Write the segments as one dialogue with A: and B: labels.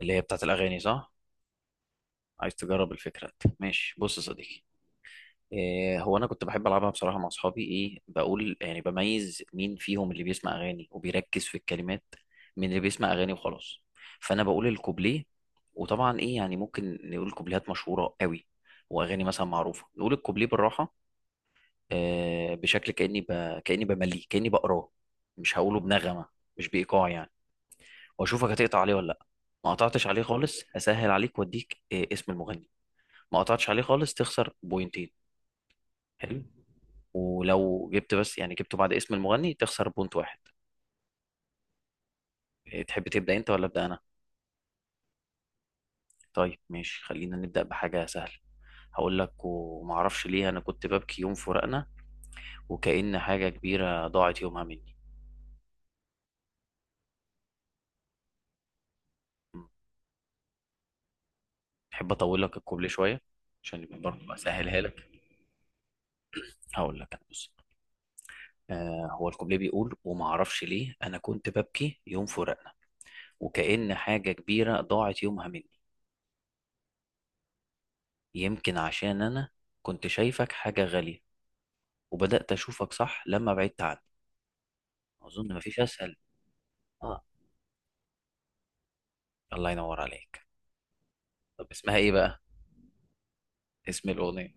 A: اللي هي بتاعت الاغاني، صح؟ عايز تجرب الفكره دي. ماشي، بص يا صديقي. إيه هو انا كنت بحب العبها بصراحه مع اصحابي، ايه بقول يعني، بميز مين فيهم اللي بيسمع اغاني وبيركز في الكلمات من اللي بيسمع اغاني وخلاص. فانا بقول الكوبليه، وطبعا ايه يعني ممكن نقول كوبليهات مشهوره قوي، واغاني مثلا معروفه، نقول الكوبليه بالراحه. بشكل كاني بمليه، كاني بقراه. مش هقوله بنغمه، مش بايقاع يعني. واشوفك هتقطع عليه ولا لا. ما قطعتش عليه خالص هسهل عليك واديك اسم المغني. ما قطعتش عليه خالص تخسر بوينتين. حلو. ولو جبت بس يعني جبته بعد اسم المغني تخسر بونت واحد. إيه، تحب تبدأ انت ولا ابدأ انا؟ طيب ماشي، خلينا نبدأ بحاجة سهلة. هقول لك: وما اعرفش ليه انا كنت ببكي يوم فراقنا، وكأن حاجة كبيرة ضاعت يومها مني. م. تحب اطول لك الكوبليه شوية؟ عشان يبقى برضه اسهلها لك. هقول لك أنا، بص. آه هو الكوبليه بيقول: وما اعرفش ليه انا كنت ببكي يوم فراقنا، وكأن حاجة كبيرة ضاعت يومها مني، يمكن عشان انا كنت شايفك حاجة غالية، وبدأت اشوفك صح لما بعدت عني. اظن مفيش اسهل. اه الله ينور عليك. طب اسمها ايه بقى؟ اسم الاغنية.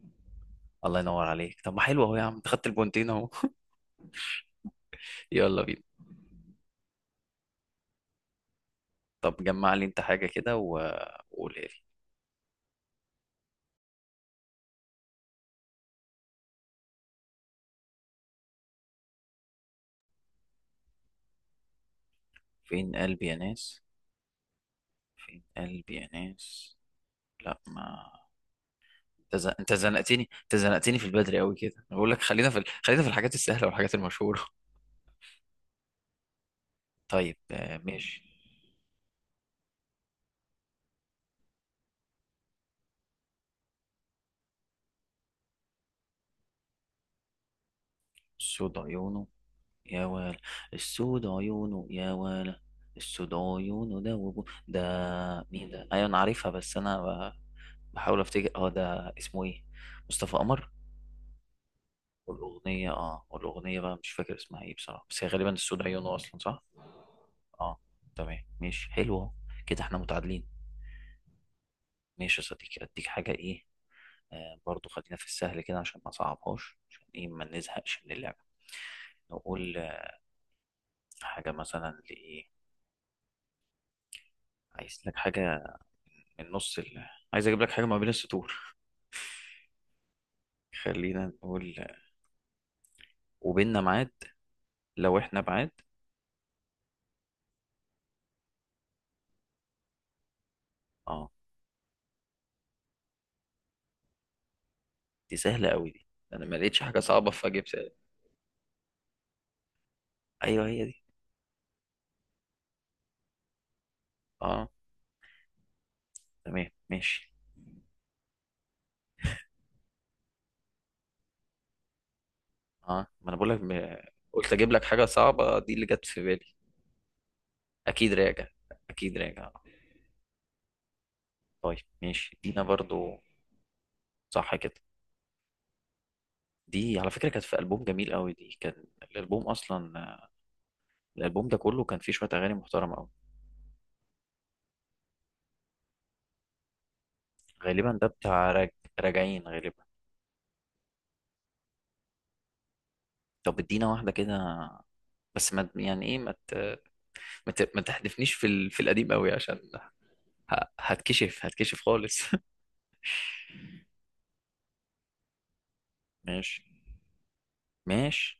A: الله ينور عليك، طب ما حلو اهو، يا عم انت خدت البونتين اهو. يلا بينا. طب جمع لي انت حاجة كده وقولها لي. فين قلبي يا ناس، قلبي يا ناس. لا ما انت زنقتني في البدري قوي كده، أنا بقول لك خلينا في الحاجات السهلة والحاجات المشهورة. طيب ماشي. سود عيونه يا ويل، السود عيونه يا ويل، السود عيونه ده وبو ده. مين ده؟ ايوه انا عارفها بس انا بحاول افتكر، اه ده اسمه ايه؟ مصطفى قمر. والاغنيه، اه والاغنيه بقى مش فاكر اسمها ايه بصراحه، بس هي غالبا السود عيونه اصلا، صح. اه تمام ماشي، حلوه. كده احنا متعادلين. ماشي يا صديقي، اديك حاجه ايه. برضو خلينا في السهل كده عشان ما صعبهاش، عشان ايه ما نزهقش من اللعبه. نقول حاجه مثلا لايه. عايز لك حاجه من عايز اجيب لك حاجه ما بين السطور. خلينا نقول: وبيننا ميعاد لو احنا بعاد. اه دي سهله قوي دي، انا ما لقيتش حاجه صعبه فاجيب سهل. ايوه هي دي. اه تمام ماشي. اه ما انا بقول لك قلت اجيب لك حاجه صعبه، دي اللي جت في بالي. اكيد راجع، اكيد راجع. طيب ماشي دينا برضو. صح كده. دي على فكره كانت في البوم جميل قوي دي، كان الالبوم اصلا، الالبوم ده كله كان فيه شويه اغاني محترمه قوي. غالبا ده بتاع راجعين غالبا. طب ادينا واحدة كده، بس ما يعني ايه ما تحدفنيش في القديم قوي، عشان هتكشف، هتكشف خالص. ماشي ماشي.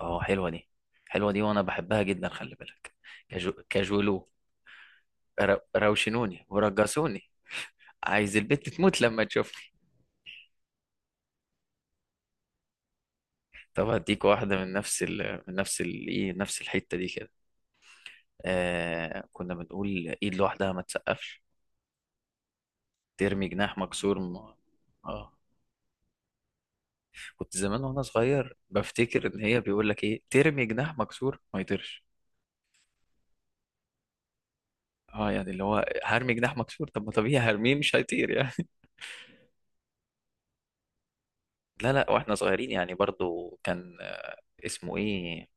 A: اه حلوة دي، حلوة دي وانا بحبها جدا، خلي بالك. كاجولو، روشنوني ورجسوني، عايز البت تموت لما تشوفني. طب هديك واحدة من نفس ايه نفس الحتة دي كده. كنا بنقول: ايد لوحدها ما تسقفش، ترمي جناح مكسور اه. كنت زمان وانا صغير بفتكر ان هي بيقول لك ايه، ترمي جناح مكسور ما يطيرش. اه يعني اللي هو هرمي جناح مكسور، طب ما طبيعي هرميه مش هيطير يعني. لا لا، واحنا صغيرين يعني برضو كان اسمه ايه،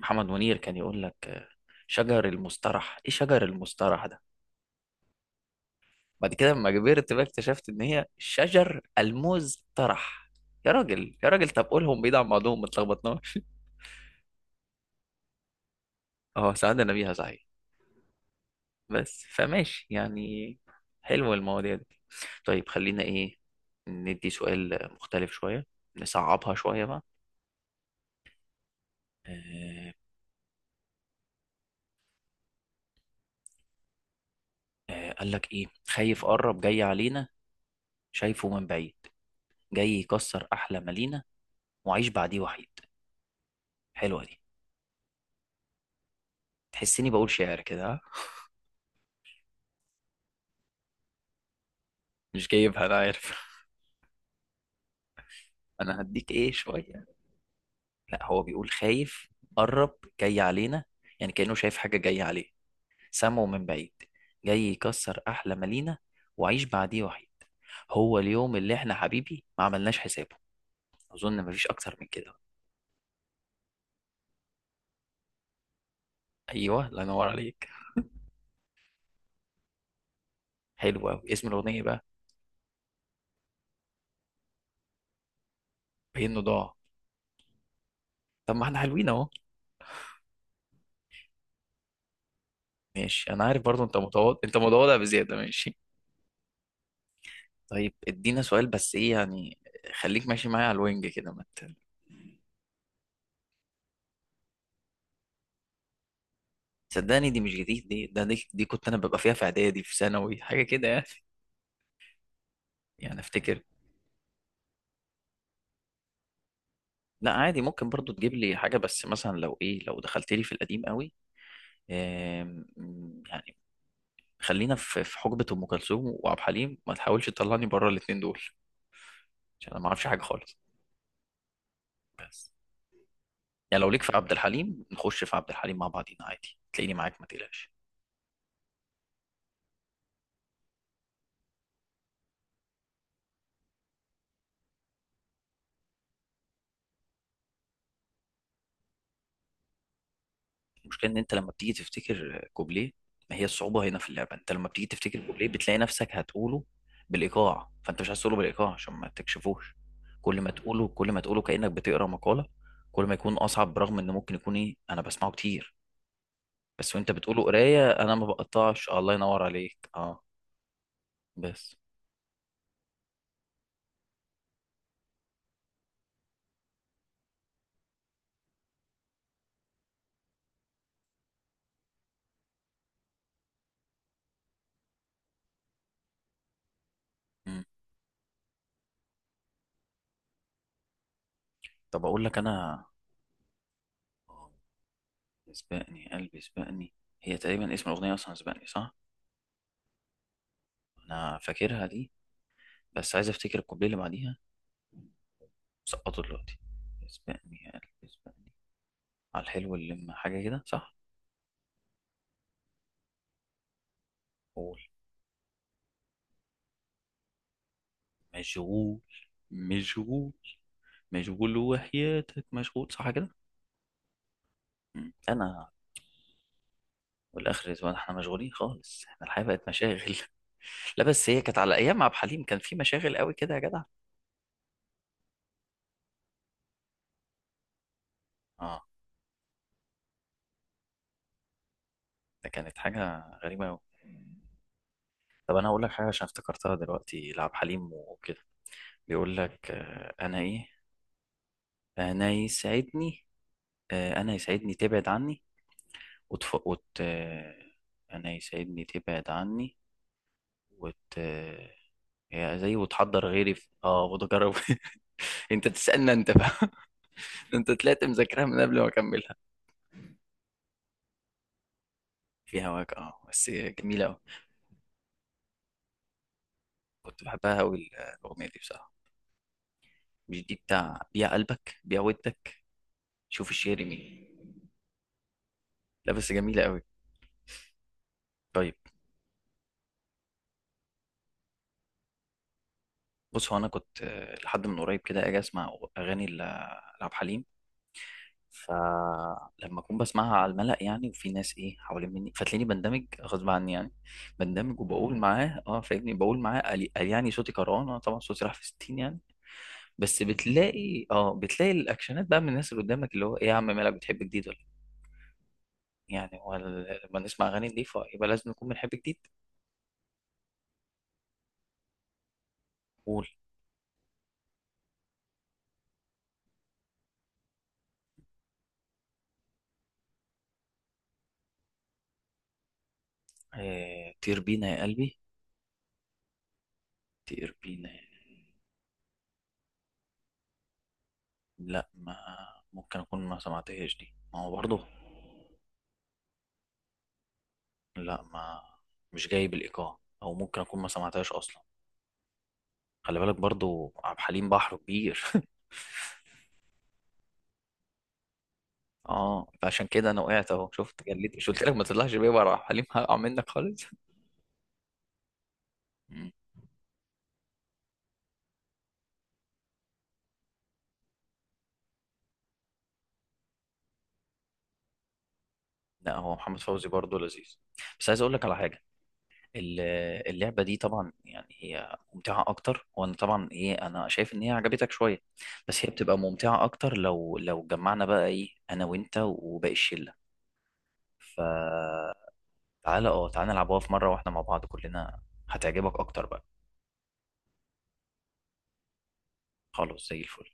A: محمد منير كان يقول لك شجر المسترح، ايه شجر المسترح ده؟ بعد كده لما كبرت بقى اكتشفت ان هي شجر المزترح. يا راجل يا راجل، طب قولهم بعيد عن بعضهم ما اتلخبطناش. اه سعدنا بيها صحيح، بس فماشي يعني، حلو المواضيع دي. طيب خلينا ايه، ندي سؤال مختلف شوية، نصعبها شوية بقى. آه قال لك ايه: خايف قرب جاي علينا، شايفه من بعيد، جاي يكسر احلى ما لينا، وعيش بعديه وحيد. حلوة دي، تحسني بقول شعر كده، ها؟ مش جايبها انا عارف. انا هديك ايه شوية. لا هو بيقول: خايف قرب جاي علينا، يعني كأنه شايف حاجة جاية عليه، سامعه من بعيد، جاي يكسر أحلى مالينا، وعيش بعديه وحيد، هو اليوم اللي احنا حبيبي ما عملناش حسابه. أظن مفيش أكتر من كده. أيوه الله ينور عليك. حلو أوي، اسم الأغنية بقى. بينه ضاع. طب ما احنا حلوين أهو. ماشي أنا عارف برضه، أنت متواضع، أنت متواضع بزيادة ماشي. طيب ادينا سؤال، بس إيه يعني، خليك ماشي معايا على الوينج كده ما ت- صدقني، دي مش جديد، دي كنت أنا ببقى فيها في إعدادي في ثانوي، حاجة كده يعني. يعني أفتكر، لا عادي ممكن برضو تجيب لي حاجة، بس مثلا لو ايه لو دخلت لي في القديم قوي. آم، يعني خلينا في حقبة ام كلثوم وعبد الحليم، ما تحاولش تطلعني بره الاتنين دول، عشان انا ما اعرفش حاجة خالص، بس. يعني لو ليك في عبد الحليم، نخش في عبد الحليم مع بعضينا عادي، تلاقيني معاك ما تقلقش. المشكله ان انت لما بتيجي تفتكر كوبليه، ما هي الصعوبه هنا في اللعبه، انت لما بتيجي تفتكر كوبليه بتلاقي نفسك هتقوله بالايقاع، فانت مش عايز تقوله بالايقاع عشان ما تكشفوش. كل ما تقوله، كل ما تقوله كانك بتقرا مقاله، كل ما يكون اصعب، برغم ان ممكن يكون ايه انا بسمعه كتير. بس وانت بتقوله قرايه انا ما بقطعش، الله ينور عليك اه. بس. مم. طب اقول لك انا: سبقني قلبي سبقني. هي تقريبا اسم الاغنيه اصلا سبقني، صح. انا فاكرها دي، بس عايز افتكر الكوبليه اللي بعديها. سقطه دلوقتي. اسبقني يا قلبي اسبقني، على الحلو اللي لما حاجة كده، صح. قول. مشغول، مشغول، مشغول وحياتك مشغول، صح كده. مم. أنا والآخر الأسبوع احنا مشغولين خالص، احنا الحياة بقت مشاغل. لا بس هي كانت على أيام مع عبد الحليم كان في مشاغل قوي كده يا جدع. اه ده كانت حاجة غريبة قوي. طب أنا أقول لك حاجة عشان افتكرتها دلوقتي لعبد الحليم وكده. بيقول لك أنا يسعدني، أنا يسعدني تبعد عني وتف... وت... أنا يساعدني تبعد عني وت... هي زي وتحضر غيري اه وتجرب. انت تسألنا انت بقى. انت طلعت مذاكرها من قبل ما اكملها. في هواك، اه بس جميلة أوي. كنت بحبها أوي الأغنية دي بصراحة. مش دي بتاع بيع قلبك بيع ودك؟ شوف الشعر مين، لا بس جميلة أوي. طيب بص، هو أنا كنت لحد من قريب كده أجي أسمع أغاني لعبد الحليم، فلما اكون بسمعها على الملأ يعني وفي ناس ايه حوالين مني، فتلاقيني بندمج غصب عني يعني، بندمج وبقول معاه، اه فاهمني، بقول معاه قال قال يعني صوتي كرهان، انا طبعا صوتي راح في 60 يعني. بس بتلاقي الاكشنات بقى من الناس اللي قدامك، اللي هو ايه يا عم مالك بتحب جديد ولا إيه؟ يعني هو لما نسمع اغاني نضيفه يبقى لازم نكون بنحب جديد. قول. آه طير بينا يا قلبي، طير بينا، لا ما ممكن اكون ما سمعتهاش دي، ما هو برضه، لا ما مش جايب الإيقاع، أو ممكن أكون ما سمعتهاش أصلا، خلي بالك برضو عبد الحليم بحر كبير. اه فعشان كده أنا وقعت أهو، شفت جليت، مش قلت لك ما تطلعش بيه بره عبد الحليم هقع منك خالص. مم. لا هو محمد فوزي برضو لذيذ. بس عايز أقول لك على حاجة. ال- اللعبة دي طبعا يعني هي ممتعة أكتر، وأنا طبعا إيه أنا شايف إن هي عجبتك شوية، بس هي بتبقى ممتعة أكتر لو جمعنا بقى إيه أنا وأنت وباقي الشلة. ف تعالى اه تعالى نلعبوها في مرة واحنا مع بعض كلنا، هتعجبك اكتر بقى. خلاص زي الفل.